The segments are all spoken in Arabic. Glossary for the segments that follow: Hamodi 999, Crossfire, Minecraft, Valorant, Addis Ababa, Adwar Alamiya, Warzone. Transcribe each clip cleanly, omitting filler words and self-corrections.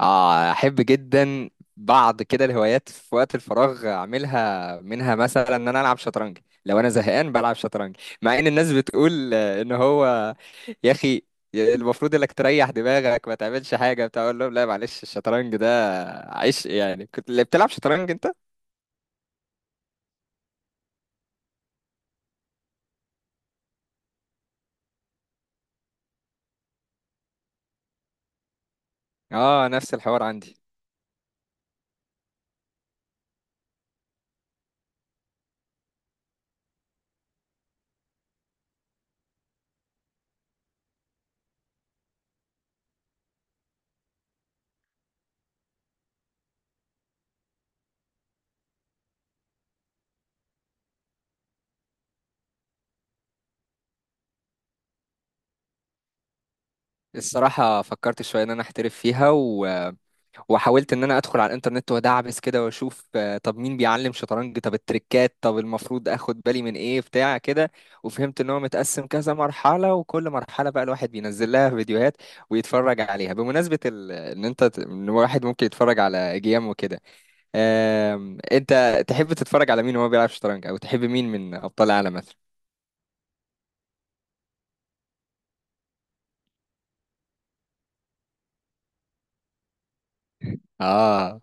اه، احب جدا. بعض كده الهوايات في وقت الفراغ اعملها، منها مثلا ان انا العب شطرنج. لو انا زهقان بلعب شطرنج. مع ان الناس بتقول ان هو، يا اخي، المفروض انك تريح دماغك ما تعملش حاجه بتاع. اقول لهم لا، معلش الشطرنج ده عيش. يعني كنت اللي بتلعب شطرنج انت؟ اه، نفس الحوار عندي. الصراحه فكرت شويه ان انا احترف فيها وحاولت ان انا ادخل على الانترنت وادعبس كده واشوف. طب مين بيعلم شطرنج، طب التريكات، طب المفروض اخد بالي من ايه بتاع كده. وفهمت ان هو متقسم كذا مرحلة، وكل مرحلة بقى الواحد بينزل لها فيديوهات ويتفرج عليها. بمناسبة ال... ان انت ت- ان الواحد ممكن يتفرج على جيم وكده. انت تحب تتفرج على مين وهو بيلعب شطرنج، او تحب مين من ابطال العالم مثلا؟ اه،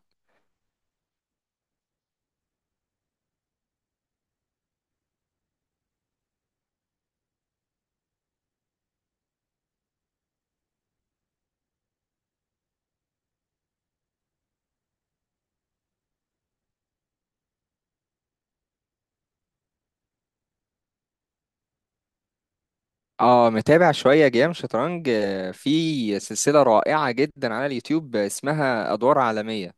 اه، متابع شوية جيم شطرنج. في سلسلة رائعة جدا على اليوتيوب اسمها أدوار عالمية.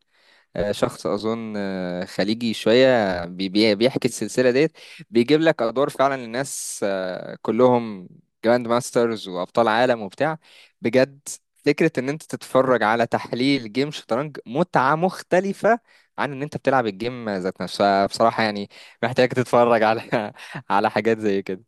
شخص اظن خليجي شويه بيحكي السلسله ديت. بيجيب لك ادوار فعلا الناس كلهم جراند ماسترز وابطال عالم وبتاع. بجد فكره ان انت تتفرج على تحليل جيم شطرنج متعه مختلفه عن ان انت بتلعب الجيم ذات نفسها بصراحه يعني. محتاج تتفرج على على حاجات زي كده.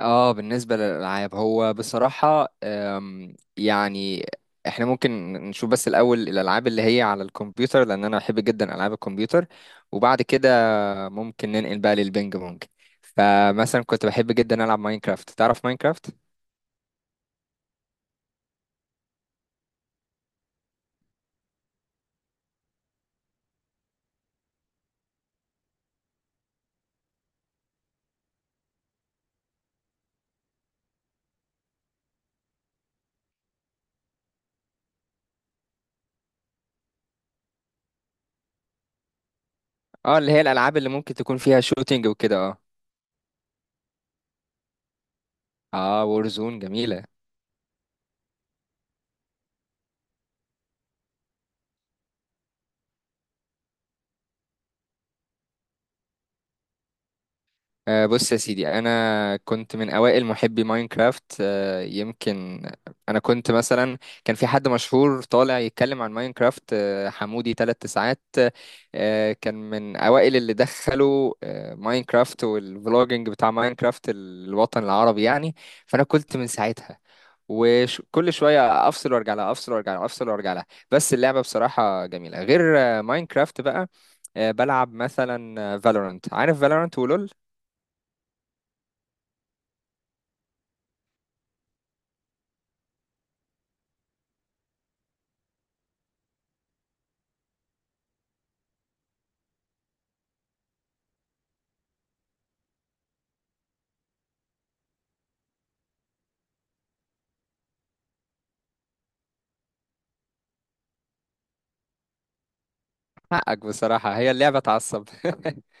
اه، بالنسبة للألعاب هو بصراحة يعني احنا ممكن نشوف بس الأول الألعاب اللي هي على الكمبيوتر، لأن أنا بحب جدا ألعاب الكمبيوتر. وبعد كده ممكن ننقل بقى للبينج بونج. فمثلا كنت بحب جدا ألعب ماينكرافت. تعرف ماينكرافت؟ اه، اللي هي الألعاب اللي ممكن تكون فيها شوتينج وكده. اه، اه، وورزون جميلة. بص يا سيدي انا كنت من اوائل محبي ماينكرافت. يمكن انا كنت مثلا، كان في حد مشهور طالع يتكلم عن ماينكرافت، حمودي 999. كان من اوائل اللي دخلوا ماينكرافت والفلوجينج بتاع ماينكرافت الوطن العربي يعني. فانا كنت من ساعتها، وكل شويه افصل وارجع لها، افصل وارجع لها، افصل وارجع لها. بس اللعبه بصراحه جميله. غير ماينكرافت بقى، بلعب مثلا فالورانت. عارف فالورانت ولول؟ حقك بصراحة، هي اللعبة تعصب.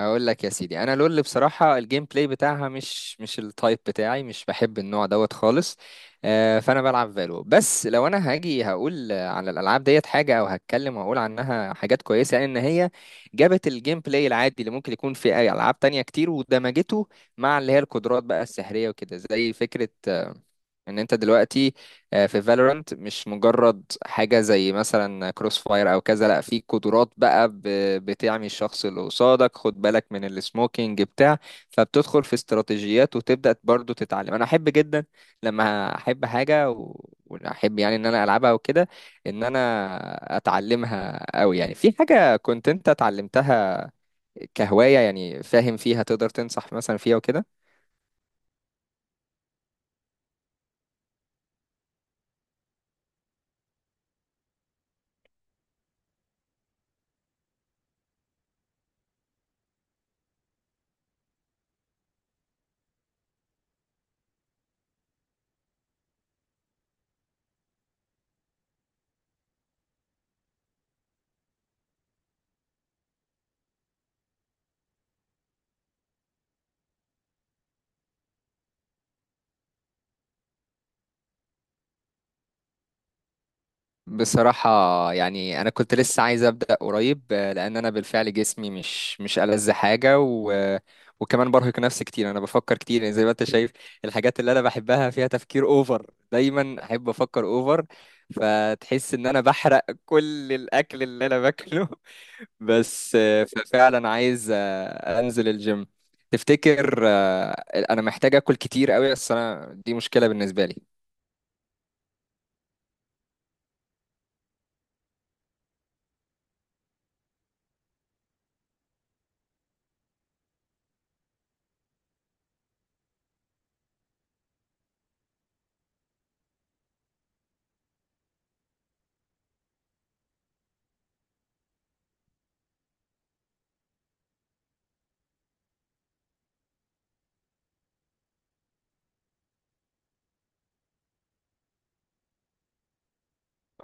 اقول لك يا سيدي، انا لول بصراحه الجيم بلاي بتاعها مش التايب بتاعي، مش بحب النوع دوت خالص. فانا بلعب فالو. بس لو انا هاجي هقول على الالعاب ديت حاجه او هتكلم واقول عنها حاجات كويسه، يعني ان هي جابت الجيم بلاي العادي اللي ممكن يكون في اي العاب تانية كتير ودمجته مع اللي هي القدرات بقى السحريه وكده. زي فكره ان انت دلوقتي في فالورانت مش مجرد حاجه زي مثلا كروس فاير او كذا، لا في قدرات بقى بتعمي الشخص اللي قصادك. خد بالك من السموكينج بتاع. فبتدخل في استراتيجيات وتبدا برضو تتعلم. انا احب جدا لما احب حاجه واحب يعني ان انا العبها وكده، ان انا اتعلمها قوي. يعني في حاجه كنت انت اتعلمتها كهوايه يعني فاهم فيها، تقدر تنصح مثلا فيها وكده؟ بصراحة يعني أنا كنت لسه عايز أبدأ قريب، لأن أنا بالفعل جسمي مش ألذ حاجة و... آه، وكمان برهق نفسي كتير. أنا بفكر كتير يعني زي ما أنت شايف. الحاجات اللي أنا بحبها فيها تفكير أوفر، دايما أحب أفكر أوفر. فتحس إن أنا بحرق كل الأكل اللي أنا باكله. بس ففعلا عايز أنزل الجيم. تفتكر أنا محتاج أكل كتير أوي؟ بس أنا دي مشكلة بالنسبة لي.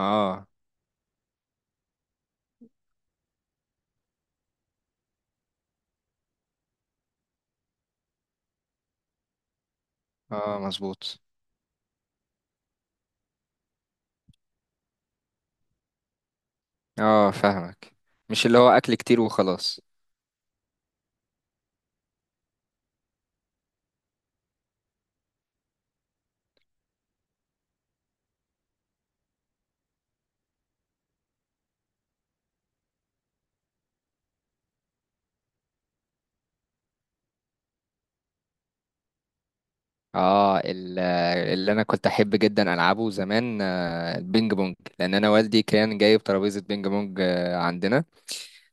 آه، آه، مظبوط. اه، فاهمك. مش اللي هو اكل كتير وخلاص. اه، اللي انا كنت احب جدا العبه زمان البينج بونج، لان انا والدي كان جايب ترابيزه بينج بونج عندنا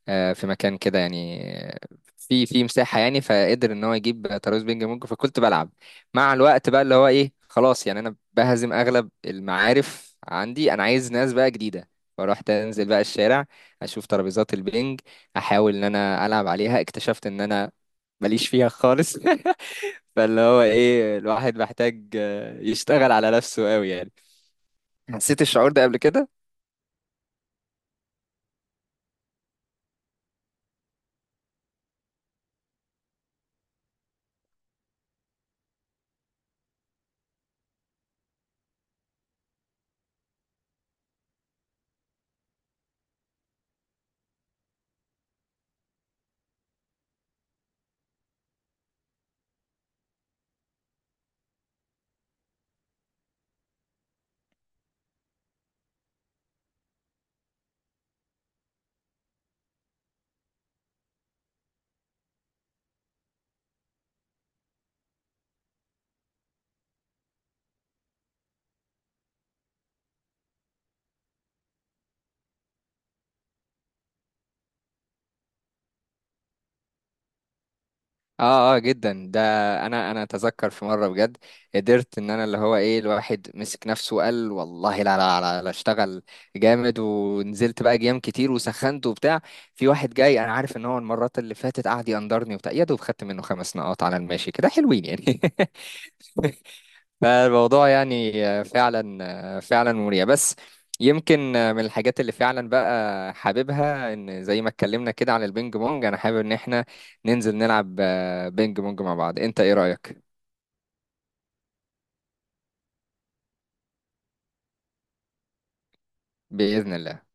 في مكان كده يعني، آه، في مساحة يعني، فقدر ان هو يجيب ترابيز بينج بونج فكنت بلعب. مع الوقت بقى اللي هو ايه، خلاص يعني انا بهزم اغلب المعارف عندي، انا عايز ناس بقى جديدة. فروحت انزل بقى الشارع اشوف ترابيزات البينج، احاول ان انا العب عليها. اكتشفت ان انا ماليش فيها خالص. فاللي هو ايه، الواحد محتاج يشتغل على نفسه قوي يعني. حسيت الشعور ده قبل كده؟ اه، اه، جدا ده. انا اتذكر في مره بجد قدرت ان انا اللي هو ايه الواحد مسك نفسه وقال والله لا، لا، لا، لا اشتغل جامد. ونزلت بقى جيام كتير وسخنت وبتاع. في واحد جاي انا عارف ان هو المرات اللي فاتت قعد يقندرني وبتاع، يا دوب خدت منه 5 نقاط على الماشي كده حلوين يعني. فالموضوع يعني فعلا فعلا مريع. بس يمكن من الحاجات اللي فعلا بقى حاببها، ان زي ما اتكلمنا كده عن البينج بونج، انا حابب ان احنا ننزل نلعب بينج بونج مع بعض. انت ايه رأيك؟ بإذن الله.